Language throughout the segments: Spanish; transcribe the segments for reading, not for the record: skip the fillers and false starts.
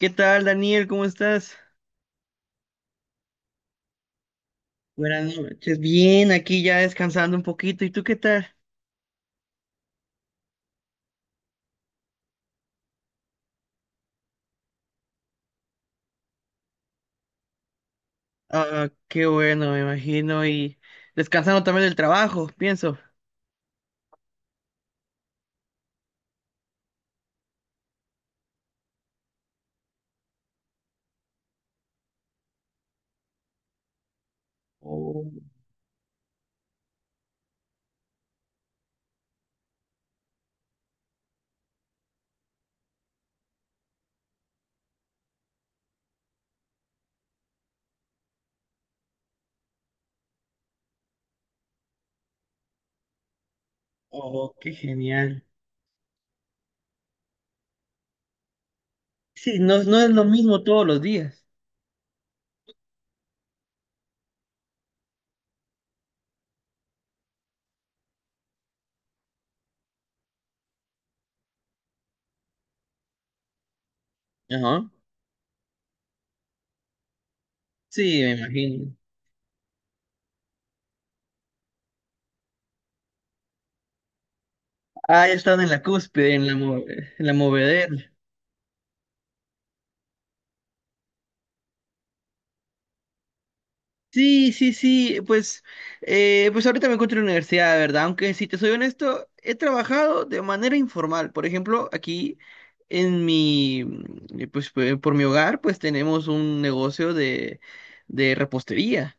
¿Qué tal, Daniel? ¿Cómo estás? Buenas noches. Bien, aquí ya descansando un poquito. ¿Y tú qué tal? Ah, qué bueno, me imagino. Y descansando también del trabajo, pienso. Oh, oh, qué genial. Sí, no, no es lo mismo todos los días. Ajá. Sí, me imagino. Ah, ya están en la cúspide, en en la movedera. Sí, sí, sí, pues ahorita me encuentro en la universidad, ¿verdad? Aunque si te soy honesto, he trabajado de manera informal. Por ejemplo, aquí en mi, pues por mi hogar, pues tenemos un negocio de repostería.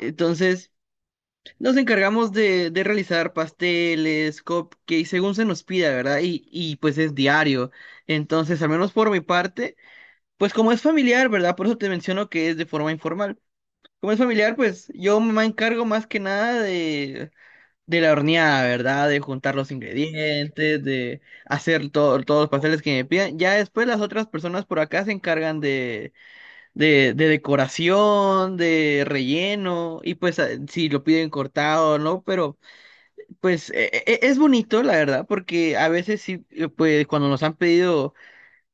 Entonces, nos encargamos de realizar pasteles, cupcakes, según se nos pida, ¿verdad? Y pues es diario. Entonces, al menos por mi parte, pues como es familiar, ¿verdad? Por eso te menciono que es de forma informal. Como es familiar, pues yo me encargo más que nada de la horneada, ¿verdad? De juntar los ingredientes, de hacer todos los pasteles que me pidan. Ya después las otras personas por acá se encargan de decoración, de relleno, y pues si lo piden cortado o no, pero pues es bonito, la verdad, porque a veces sí, pues cuando nos han pedido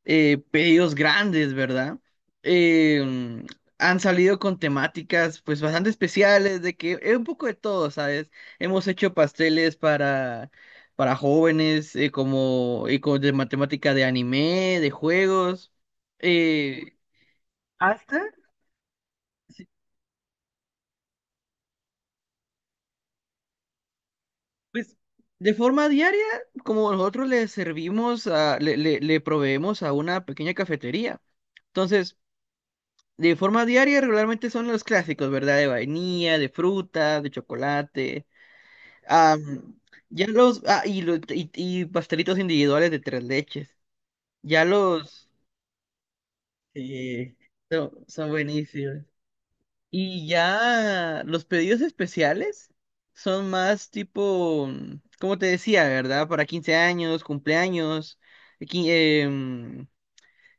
pedidos grandes, ¿verdad? Em, Han salido con temáticas pues bastante especiales, de que es un poco de todo, ¿sabes? Hemos hecho pasteles para jóvenes, como y con, de matemática de anime, de juegos, eh, hasta, sí, pues, de forma diaria, como nosotros le servimos, le proveemos a una pequeña cafetería. Entonces, de forma diaria, regularmente son los clásicos, ¿verdad? De vainilla, de fruta, de chocolate. Am, ya los. Ah, y pastelitos individuales de tres leches. Ya los. eh, son buenísimos. Y ya los pedidos especiales son más tipo. Como te decía, ¿verdad? Para 15 años, cumpleaños. qui- em,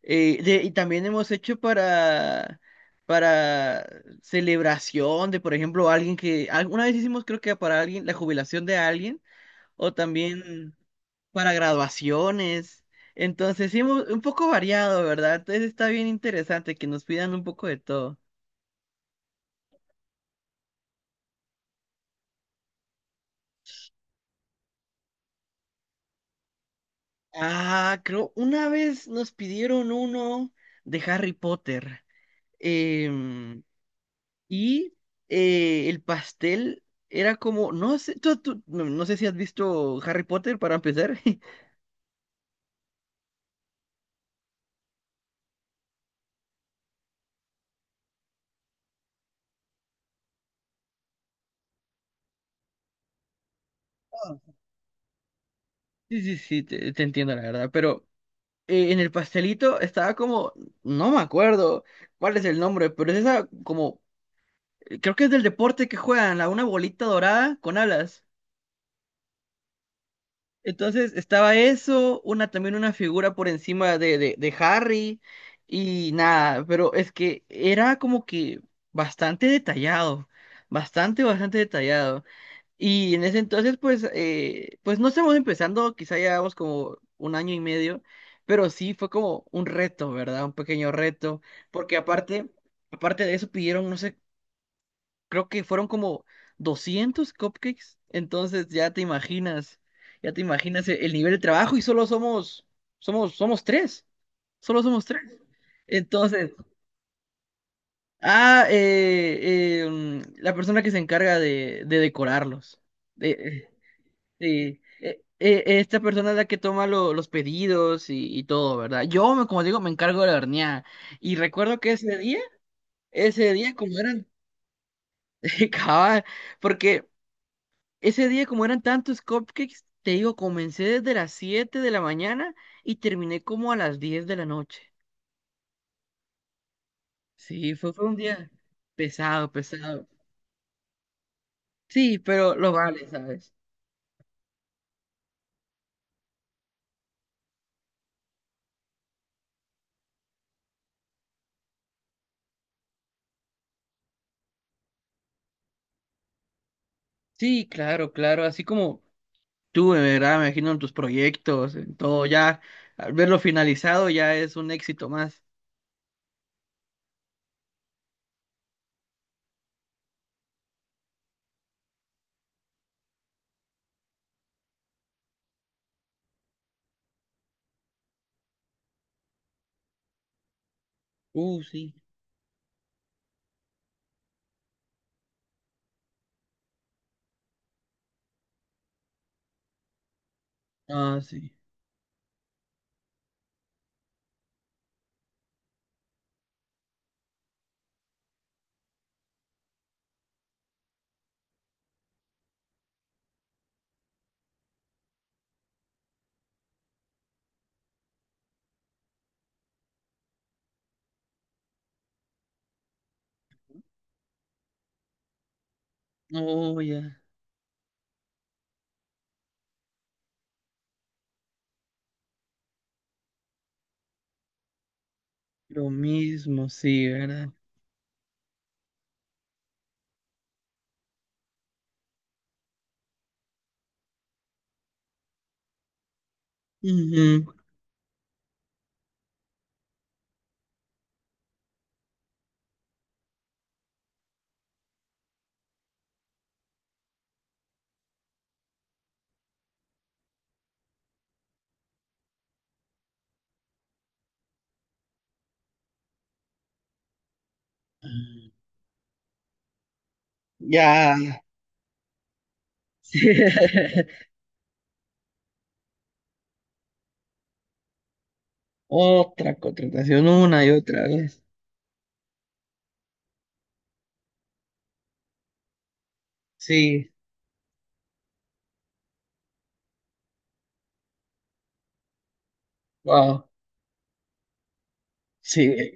Y también hemos hecho para celebración de, por ejemplo, alguien que, alguna vez hicimos creo que para alguien, la jubilación de alguien, o también para graduaciones. Entonces, sí, un poco variado, ¿verdad? Entonces está bien interesante que nos pidan un poco de todo. Ah, creo, una vez nos pidieron uno de Harry Potter. Em, Y el pastel era como, no sé, no, no sé si has visto Harry Potter para empezar. Sí, ah, sí, sí, te entiendo la verdad, pero en el pastelito estaba como, no me acuerdo cuál es el nombre, pero es esa como, creo que es del deporte que juegan, la una bolita dorada con alas. Entonces estaba eso, una también una figura por encima de Harry y nada, pero es que era como que bastante detallado, bastante, bastante detallado. Y en ese entonces, pues, pues no estamos empezando, quizá llevamos como un año y medio, pero sí fue como un reto, ¿verdad? Un pequeño reto, porque aparte de eso pidieron, no sé creo que fueron como 200 cupcakes, entonces ya te imaginas el nivel de trabajo y solo somos tres, solo somos tres. Entonces, la persona que se encarga de decorarlos, de, esta persona es la que toma los pedidos y todo, ¿verdad? Como digo, me encargo de la horneada y recuerdo que ese día como eran, cabal, porque ese día, como eran tantos cupcakes, te digo, comencé desde las 7 de la mañana y terminé como a las 10 de la noche. Sí, fue un día pesado, pesado. Sí, pero lo vale, ¿sabes? Sí, claro, claro, así como tú, de verdad, me imagino en tus proyectos, en todo, ya, al verlo finalizado ya es un éxito más. Sí. Ah, sí. Oh, ya. Lo mismo, sí, ¿verdad? Ujú. Ya. Sí. Otra contratación una y otra vez. Sí, wow, sí.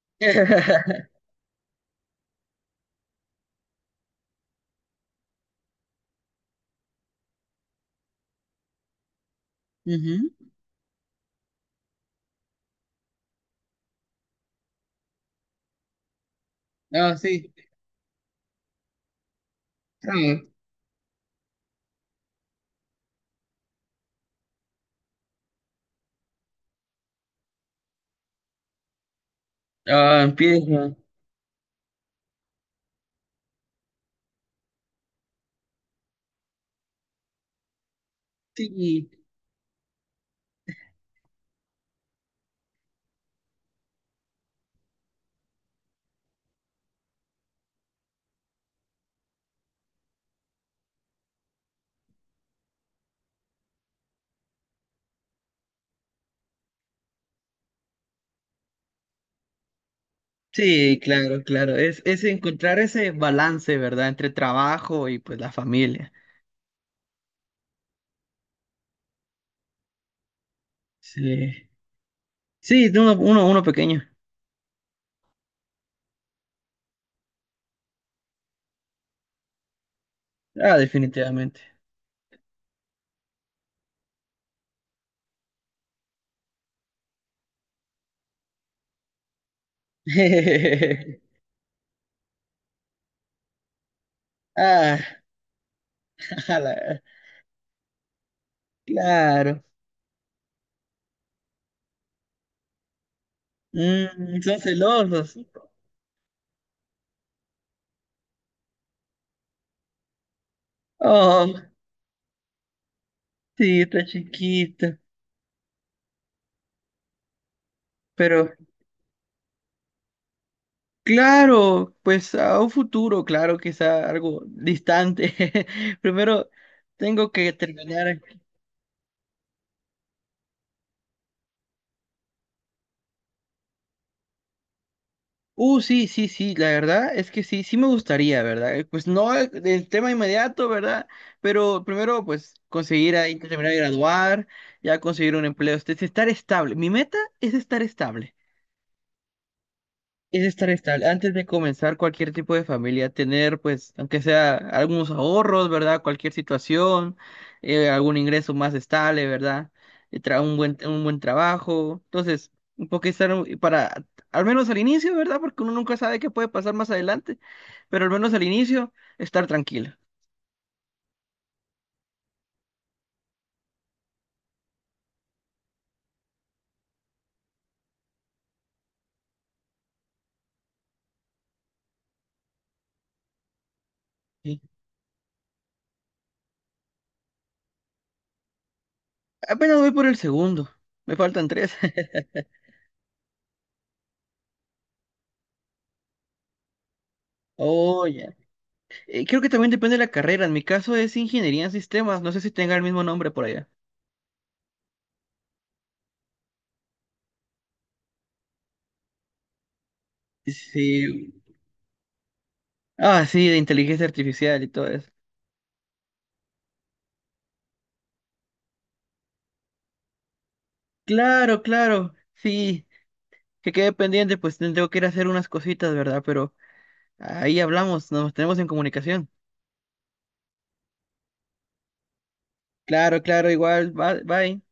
Ujú. Ah, sí. Ah, ah, empieza. Sí, sí, claro, claro. Es encontrar ese balance, ¿verdad? Entre trabajo y pues la familia. Sí. Sí, de uno pequeño. Ah, definitivamente. Ah, ala, claro. Son celosos. Oh, sí, está chiquito. Pero claro, pues a un futuro, claro que sea algo distante. Primero tengo que terminar. Sí, sí, sí, la verdad es que sí, sí me gustaría, ¿verdad? Pues no el tema inmediato, ¿verdad? Pero primero, pues conseguir ahí terminar de graduar, ya conseguir un empleo, estar estable. Mi meta es estar estable. Es estar estable. Antes de comenzar cualquier tipo de familia, tener, pues, aunque sea algunos ahorros, ¿verdad? Cualquier situación, algún ingreso más estable, ¿verdad? Un buen trabajo. Entonces, un poco estar para, al menos al inicio, ¿verdad? Porque uno nunca sabe qué puede pasar más adelante, pero al menos al inicio, estar tranquilo. ¿Sí? Apenas voy por el segundo. Me faltan tres. Oh, ya. Creo que también depende de la carrera. En mi caso es ingeniería en sistemas. No sé si tenga el mismo nombre por allá. Sí, ah, sí, de inteligencia artificial y todo eso. Claro, claro, sí, que quede pendiente, pues tengo que ir a hacer unas cositas, ¿verdad? Pero ahí hablamos, nos tenemos en comunicación. Claro, claro, igual, bye, bye.